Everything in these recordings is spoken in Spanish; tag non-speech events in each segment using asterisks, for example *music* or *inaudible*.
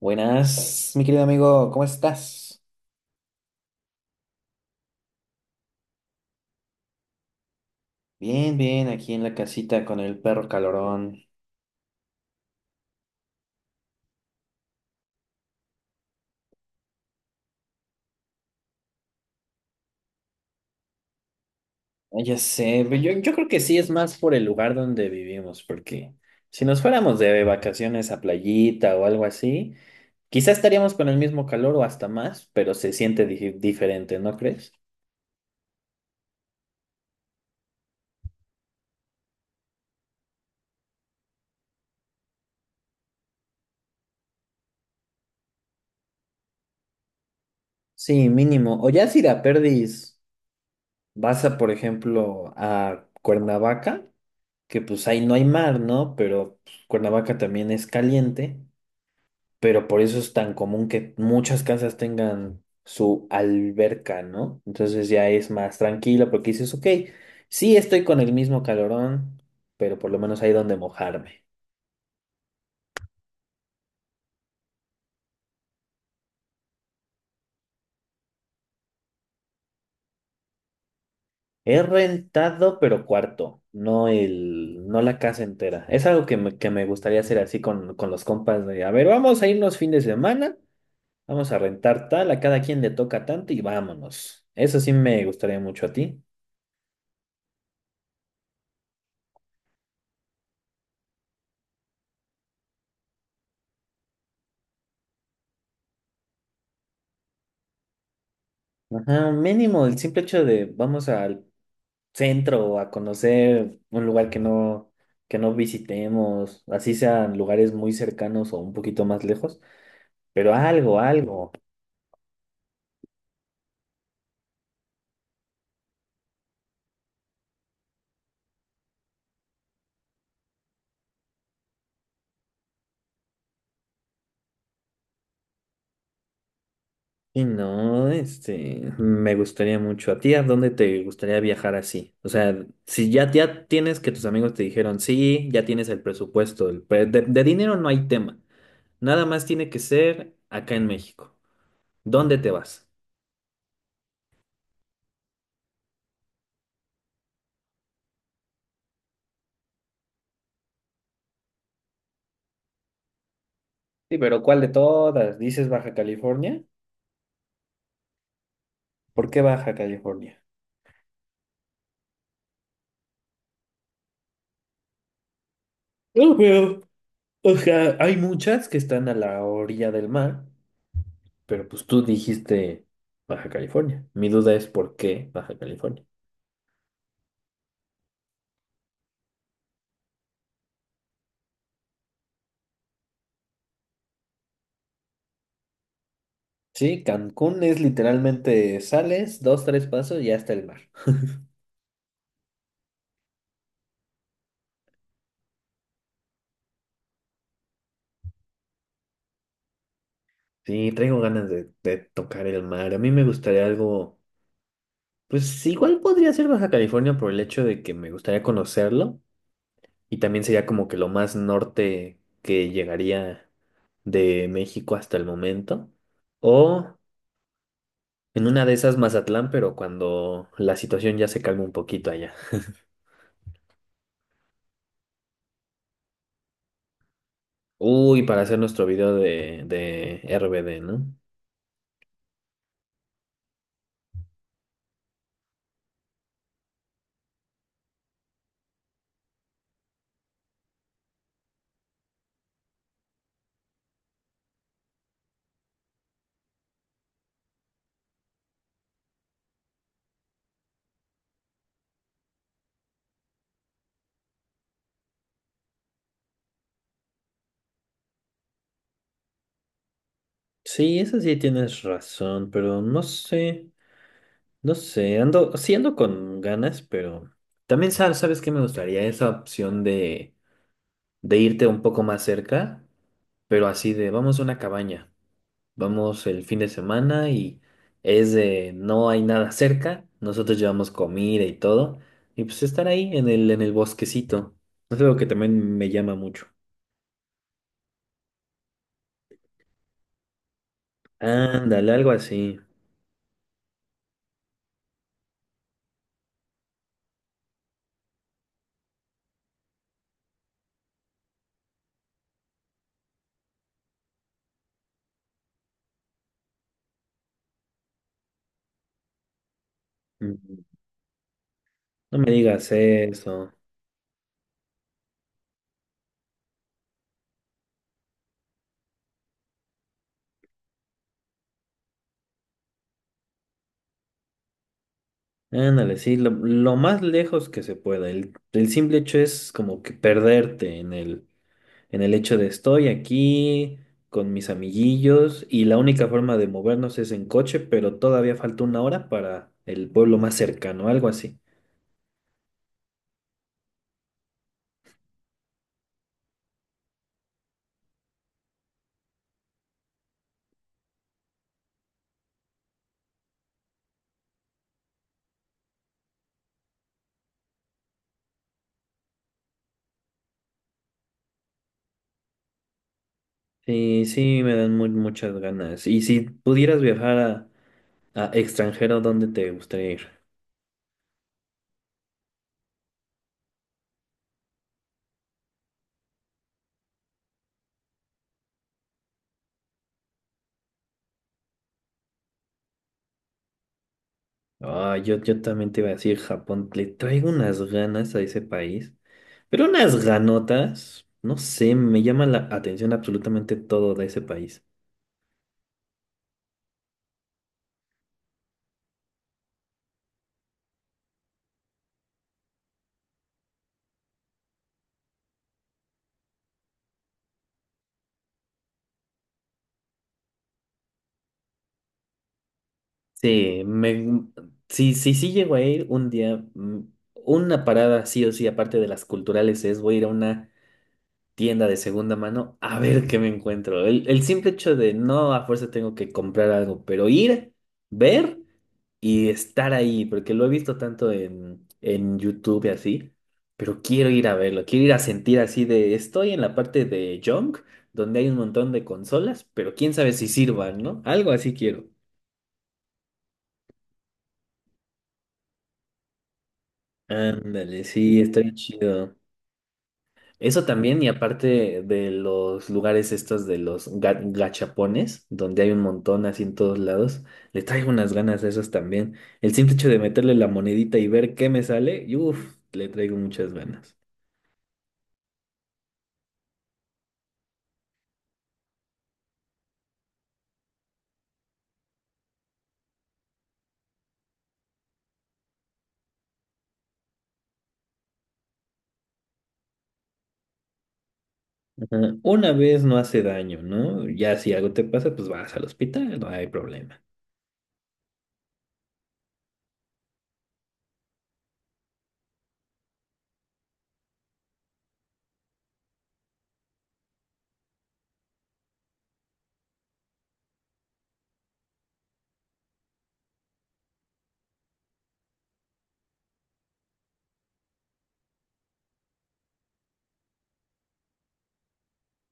Buenas, mi querido amigo, ¿cómo estás? Bien, bien, aquí en la casita con el perro calorón. Ah, ya sé, pero yo creo que sí es más por el lugar donde vivimos, porque si nos fuéramos de vacaciones a playita o algo así, quizás estaríamos con el mismo calor o hasta más, pero se siente diferente, ¿no crees? Sí, mínimo. O ya si de a perdis por ejemplo, a Cuernavaca, que pues ahí no hay mar, ¿no? Pero pues, Cuernavaca también es caliente. Pero por eso es tan común que muchas casas tengan su alberca, ¿no? Entonces ya es más tranquila porque dices, ok, sí estoy con el mismo calorón, pero por lo menos hay donde mojarme. He rentado, pero cuarto, no la casa entera. Es algo que me gustaría hacer así con los compas de, a ver, vamos a irnos fin de semana, vamos a rentar tal, a cada quien le toca tanto y vámonos. Eso sí me gustaría mucho a ti. Ajá, mínimo, el simple hecho de vamos a centro o a conocer un lugar que no visitemos, así sean lugares muy cercanos o un poquito más lejos, pero algo. Y no, este, me gustaría mucho. ¿A ti a dónde te gustaría viajar así? O sea, si ya tienes que tus amigos te dijeron, sí, ya tienes el presupuesto, de dinero no hay tema, nada más tiene que ser acá en México. ¿Dónde te vas? Sí, pero ¿cuál de todas? ¿Dices Baja California? ¿Por qué Baja California? *laughs* O sea, hay muchas que están a la orilla del mar, pero pues tú dijiste Baja California. Mi duda es ¿por qué Baja California? Sí, Cancún es literalmente sales, dos, tres pasos y ya está el mar. Sí, traigo ganas de tocar el mar. A mí me gustaría algo, pues igual podría ser Baja California por el hecho de que me gustaría conocerlo y también sería como que lo más norte que llegaría de México hasta el momento. O... En una de esas Mazatlán, pero cuando la situación ya se calma un poquito allá. Uy, para hacer nuestro video de RBD, ¿no? Sí, esa sí tienes razón, pero no sé, no sé, ando, sí ando con ganas, pero también sabes sabes que me gustaría esa opción de irte un poco más cerca, pero así de, vamos a una cabaña. Vamos el fin de semana y es de no hay nada cerca. Nosotros llevamos comida y todo. Y pues estar ahí en el bosquecito. Es algo que también me llama mucho. Ándale, algo así. Ujú. No me digas eso. Ándale, sí, lo más lejos que se pueda. El simple hecho es como que perderte en el hecho de estoy aquí con mis amiguillos y la única forma de movernos es en coche, pero todavía falta una hora para el pueblo más cercano, algo así. Sí, sí, me dan muchas ganas. Y si pudieras viajar a extranjero, ¿dónde te gustaría ir? Ah, yo también te iba a decir Japón, le traigo unas ganas a ese país, pero unas ganotas, no sé, me llama la atención absolutamente todo de ese país. Sí, me, sí, sí llego a ir un día, mm, una parada sí o sí, aparte de las culturales, es voy a ir a una tienda de segunda mano a ver qué me encuentro. El simple hecho de no a fuerza tengo que comprar algo, pero ir, ver y estar ahí, porque lo he visto tanto en YouTube y así, pero quiero ir a verlo, quiero ir a sentir así de, estoy en la parte de junk, donde hay un montón de consolas, pero quién sabe si sirvan, ¿no? Algo así quiero. Ándale, sí, está bien chido. Eso también, y aparte de los lugares estos de los gachapones, donde hay un montón así en todos lados, le traigo unas ganas a esos también. El simple hecho de meterle la monedita y ver qué me sale, y uff, le traigo muchas ganas. Ajá. Una vez no hace daño, ¿no? Ya si algo te pasa, pues vas al hospital, no hay problema.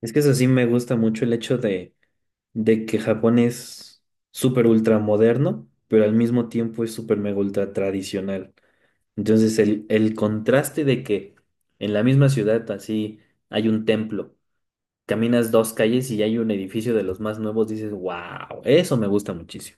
Es que eso sí me gusta mucho el hecho de que Japón es súper ultra moderno, pero al mismo tiempo es súper mega ultra tradicional. Entonces, el contraste de que en la misma ciudad así hay un templo, caminas dos calles y hay un edificio de los más nuevos, dices, wow, eso me gusta muchísimo.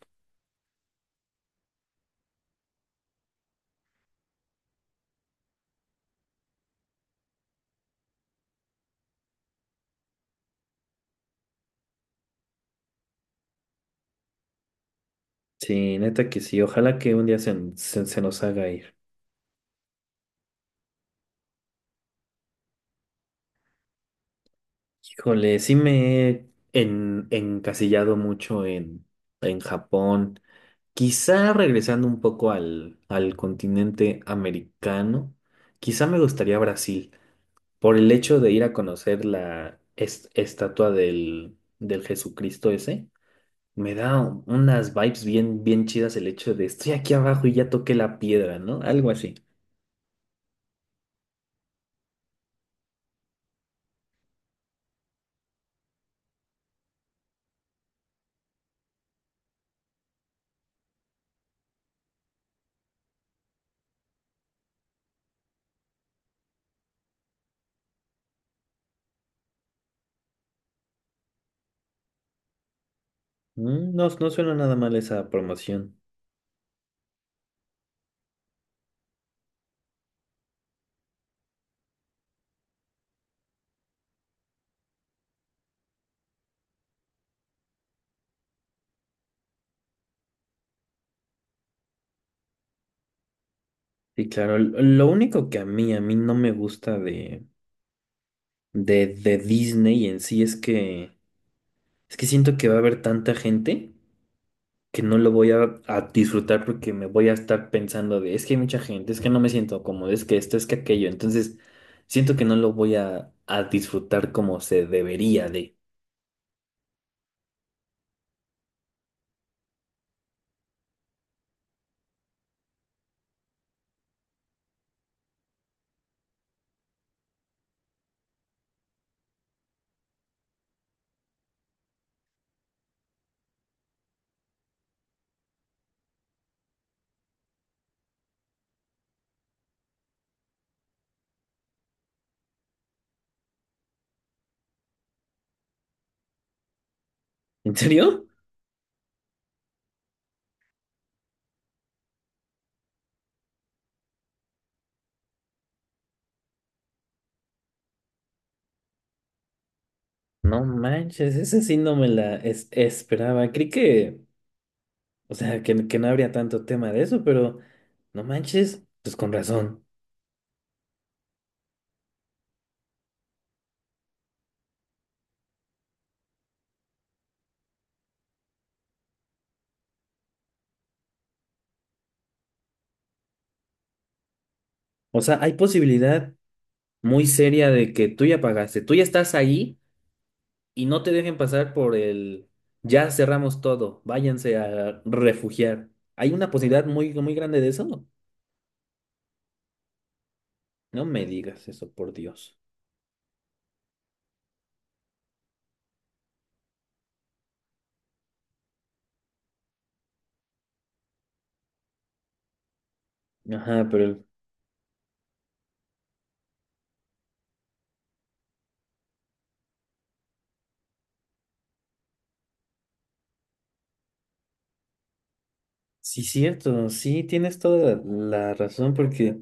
Sí, neta que sí, ojalá que un día se nos haga ir. Híjole, sí me he encasillado mucho en Japón, quizá regresando un poco al continente americano, quizá me gustaría Brasil. Por el hecho de ir a conocer la estatua del Jesucristo ese, me da unas vibes bien, bien chidas el hecho de estoy aquí abajo y ya toqué la piedra, ¿no? Algo así. Mm, no, no suena nada mal esa promoción. Sí, claro. Lo único que a mí no me gusta de, de Disney en sí es que siento que va a haber tanta gente que no lo voy a disfrutar porque me voy a estar pensando de, es que hay mucha gente, es que no me siento cómodo, es que esto, es que aquello. Entonces, siento que no lo voy a disfrutar como se debería de. ¿En serio? No manches, esa sí no me la esperaba. Creí que, o sea, que no habría tanto tema de eso, pero no manches, pues con razón. O sea, hay posibilidad muy seria de que tú ya pagaste, tú ya estás ahí. Y no te dejen pasar por el ya cerramos todo, váyanse a refugiar. Hay una posibilidad muy grande de eso. No me digas eso, por Dios. Ajá, pero sí, cierto, sí, tienes toda la razón, porque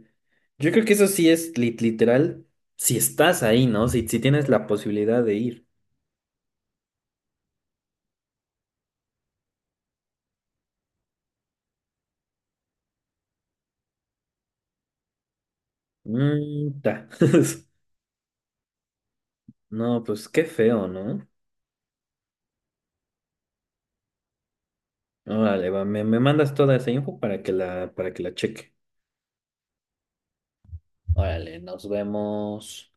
yo creo que eso sí es literal, si estás ahí, ¿no? Si tienes la posibilidad de ir. Mm, ta. *laughs* No, pues qué feo, ¿no? Órale, va, me mandas toda esa info para que para que la cheque. Órale, nos vemos.